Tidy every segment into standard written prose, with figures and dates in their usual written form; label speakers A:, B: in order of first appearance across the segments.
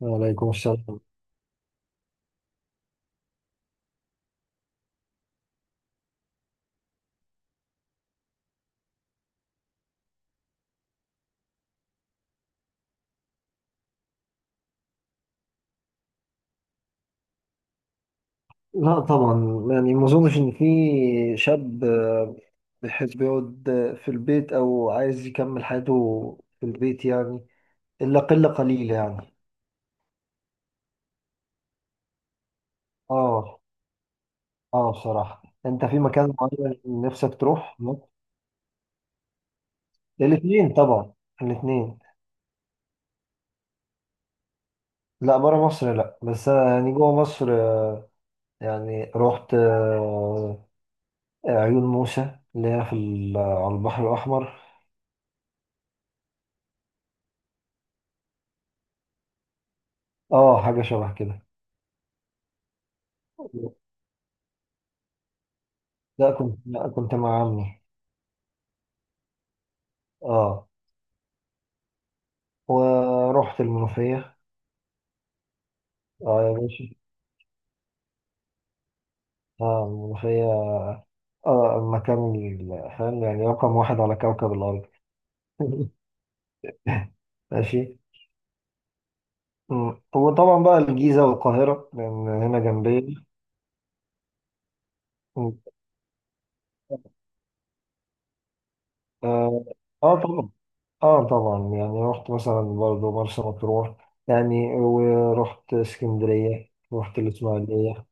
A: وعليكم السلام. لا طبعا، يعني ما اظنش ان في شاب، بيحب يقعد، في البيت او عايز يكمل حياته في البيت يعني، الا قله قليله يعني. اه اه بصراحه انت في مكان معين نفسك تروح. الاثنين طبعا، الاثنين. لا بره مصر لا، بس انا يعني جوه مصر، يعني رحت، عيون موسى اللي هي في على البحر الاحمر. اه، حاجه شبه كده. لا كنت، لا كنت مع عمي. اه، ورحت المنوفية. اه يا باشا. اه، المنوفية. اه، المكان فاهم يعني، رقم واحد على كوكب الأرض. ماشي. وطبعا بقى الجيزة والقاهرة، لأن هنا جنبي. مم. اه. آه طبعا. اه طبعا، يعني رحت مثلا برضه مرسى مطروح، يعني ورحت اسكندرية، رحت الإسماعيلية.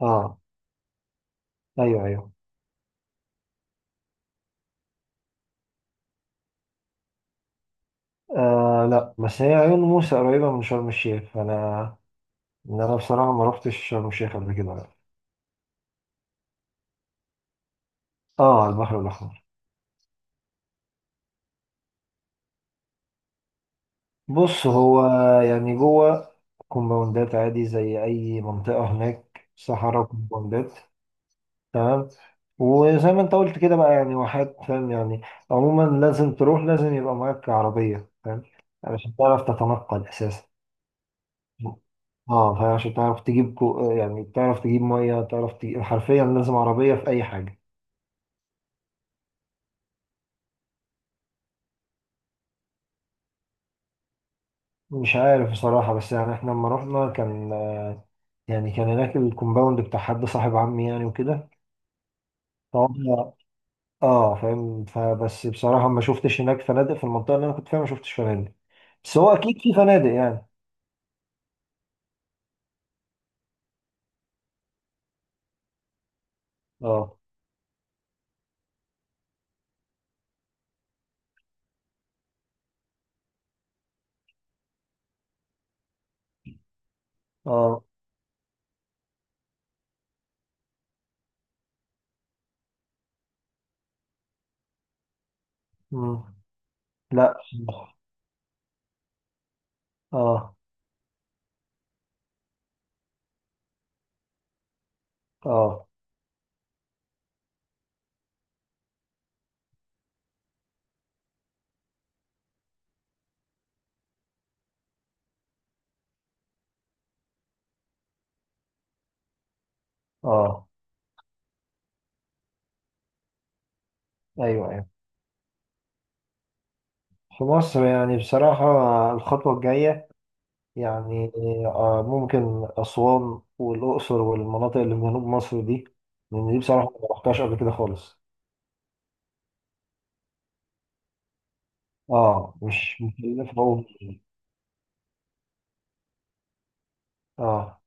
A: اه. أيوه أيوه. آه لا، بس هي عيون موسى قريبة من شرم الشيخ فأنا، إن انا بصراحه ما روحتش شرم الشيخ قبل كده. اه، على البحر الاحمر. بص هو، يعني جوه، كومباوندات عادي زي اي منطقه هناك، صحراء، كومباوندات. تمام. وزي ما انت قلت كده بقى يعني واحات، فاهم يعني. عموما لازم تروح، لازم يبقى معاك عربيه، فاهم. علشان تعرف تتنقل اساسا. اه فاهم، عشان تعرف تجيب يعني تعرف تجيب ميه، تعرف تجيب حرفيا لازم عربيه في اي حاجه. مش عارف بصراحة، بس يعني احنا لما رحنا كان، يعني كان هناك الكومباوند بتاع حد صاحب عمي يعني وكده. فهم. اه فاهم، فبس بصراحة ما شفتش هناك فنادق في المنطقة اللي انا كنت فيها، ما شفتش فنادق. بس هو اكيد في فنادق يعني. اه. اه. مم. لا. اه. اه. اه. ايوه ايوه. في مصر يعني بصراحة، الخطوة الجاية، يعني آه ممكن أسوان والأقصر، والمناطق اللي في جنوب مصر دي. لأن دي بصراحة ما رحتهاش قبل كده خالص. اه، مش مكلفة أوي. اه.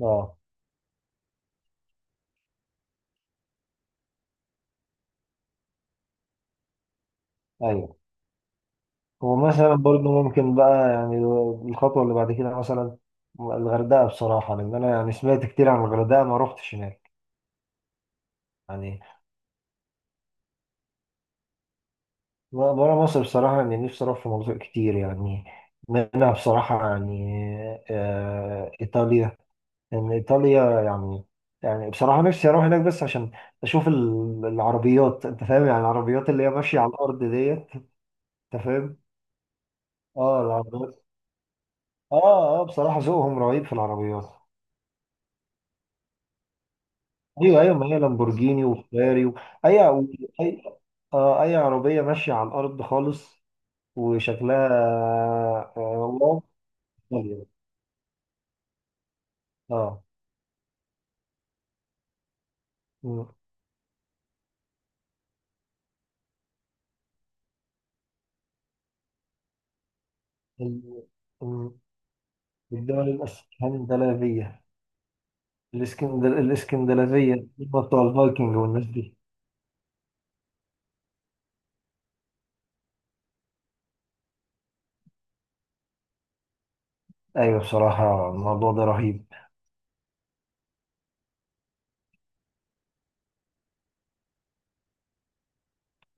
A: اه. ايوه. ومثلا برضو ممكن بقى يعني، الخطوه اللي بعد كده مثلا الغردقه، بصراحه لان انا يعني سمعت كتير عن الغردقه، ما روحتش هناك يعني. بره مصر بصراحه اني نفسي اروح في مناطق كتير يعني، منها بصراحه يعني آه ايطاليا. لان ايطاليا يعني بصراحه نفسي اروح هناك، بس عشان اشوف العربيات، انت فاهم يعني العربيات اللي هي ماشيه على الارض ديت. انت فاهم، اه العربيات. اه اه، بصراحه ذوقهم رهيب في العربيات. ايوه ايوه، ما هي لامبورجيني وفيراري اي اي، آه اي عربيه ماشيه على الارض خالص، وشكلها آه، واو. غالية. اه. م- ال- م- الدول الاسكندنافيه. الاسكندنافيه هم بتوع الفايكنج والناس دي. ايوه، بصراحه الموضوع ده رهيب.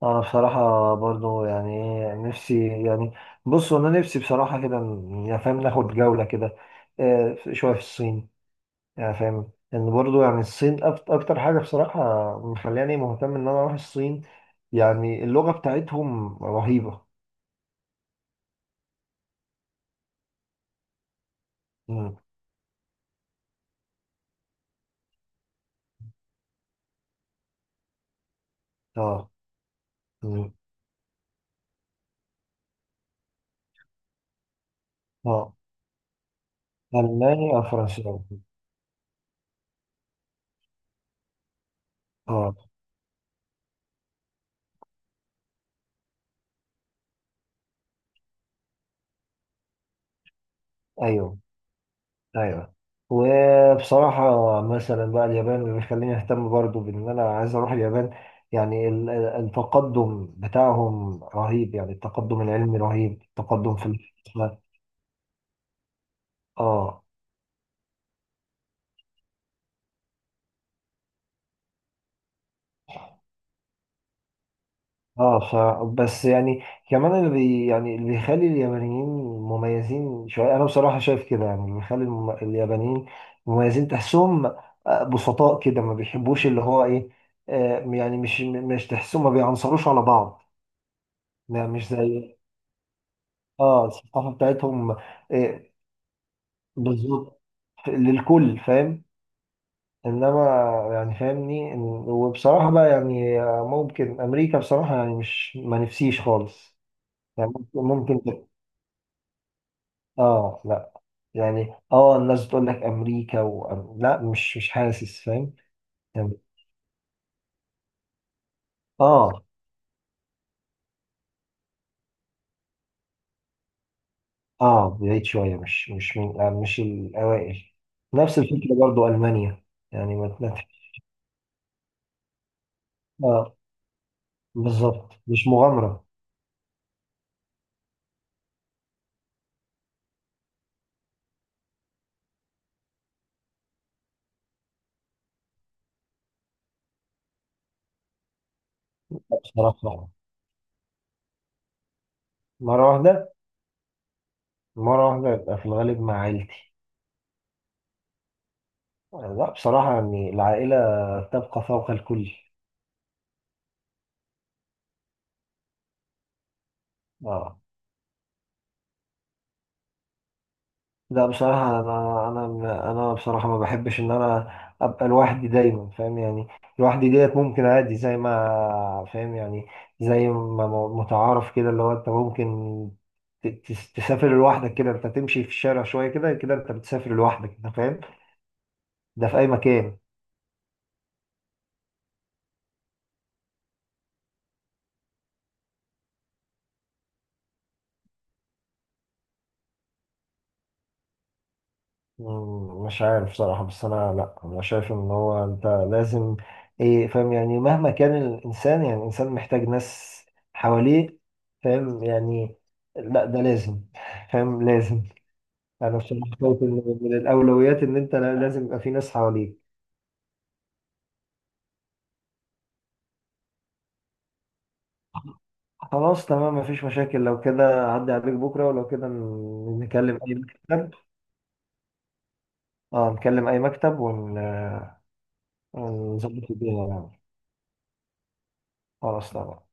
A: انا بصراحه برضو يعني، إيه، نفسي يعني، بصوا انا نفسي بصراحه كده، يعني فاهم، ناخد جوله كده، آه، شويه في الصين. يعني فاهم ان برضو يعني الصين اكتر حاجه بصراحه مخلاني مهتم ان انا اروح الصين. يعني اللغه بتاعتهم رهيبه. مم. اه. مم. اه. المانيا فرنساوي. اه. ايوه ايوه. وبصراحه مثلا بقى اليابان اللي بيخليني اهتم برضو بان انا عايز اروح اليابان. يعني التقدم بتاعهم رهيب، يعني التقدم العلمي رهيب، التقدم في ال-. اه اه، بس يعني كمان يعني اللي بيخلي اليابانيين مميزين شويه، انا بصراحه شايف كده، يعني اللي بيخلي اليابانيين مميزين، تحسهم آه، بسطاء كده، ما بيحبوش اللي هو ايه، آه، يعني مش تحسهم ما بيعنصروش على بعض. يعني مش زي، اه الثقافه بتاعتهم، آه، بالظبط للكل، فاهم. انما يعني فاهمني وبصراحه بقى يعني آه، ممكن امريكا بصراحه، يعني مش ما نفسيش خالص. يعني ممكن، ممكن. اه لا، يعني اه الناس بتقول لك امريكا لا، مش حاسس، فاهم. يعني اه اه بعيد شويه، مش من يعني، مش الاوائل. نفس الفكره برضو المانيا، يعني ما تنت- اه بالظبط، مش مغامره. لا بصراحه، مره واحده. مره واحده يبقى في الغالب مع عيلتي. لا بصراحه يعني، العائله تبقى فوق الكل. اه. لا بصراحة، أنا بصراحة ما بحبش إن أنا أبقى لوحدي دايما، فاهم يعني. لوحدي ديت ممكن عادي، زي ما فاهم يعني، زي ما متعارف كده اللي هو أنت ممكن تسافر لوحدك، كده أنت تمشي في الشارع شوية، كده أنت بتسافر لوحدك، أنت فاهم، ده في أي مكان. مش عارف صراحة، بس أنا لأ، أنا شايف إن هو أنت لازم إيه، فاهم يعني، مهما كان الإنسان، يعني الإنسان محتاج ناس حواليه. فاهم يعني. لأ، ده لازم. فاهم، لازم. أنا بصراحة شايف إن من الأولويات إن أنت لازم يبقى في ناس حواليك. خلاص تمام، مفيش مشاكل، لو كده عدي عليك بكرة، ولو كده نكلم أي مكتب. أه نكلم أي مكتب، ونظبط الدنيا يعني. خلاص تمام.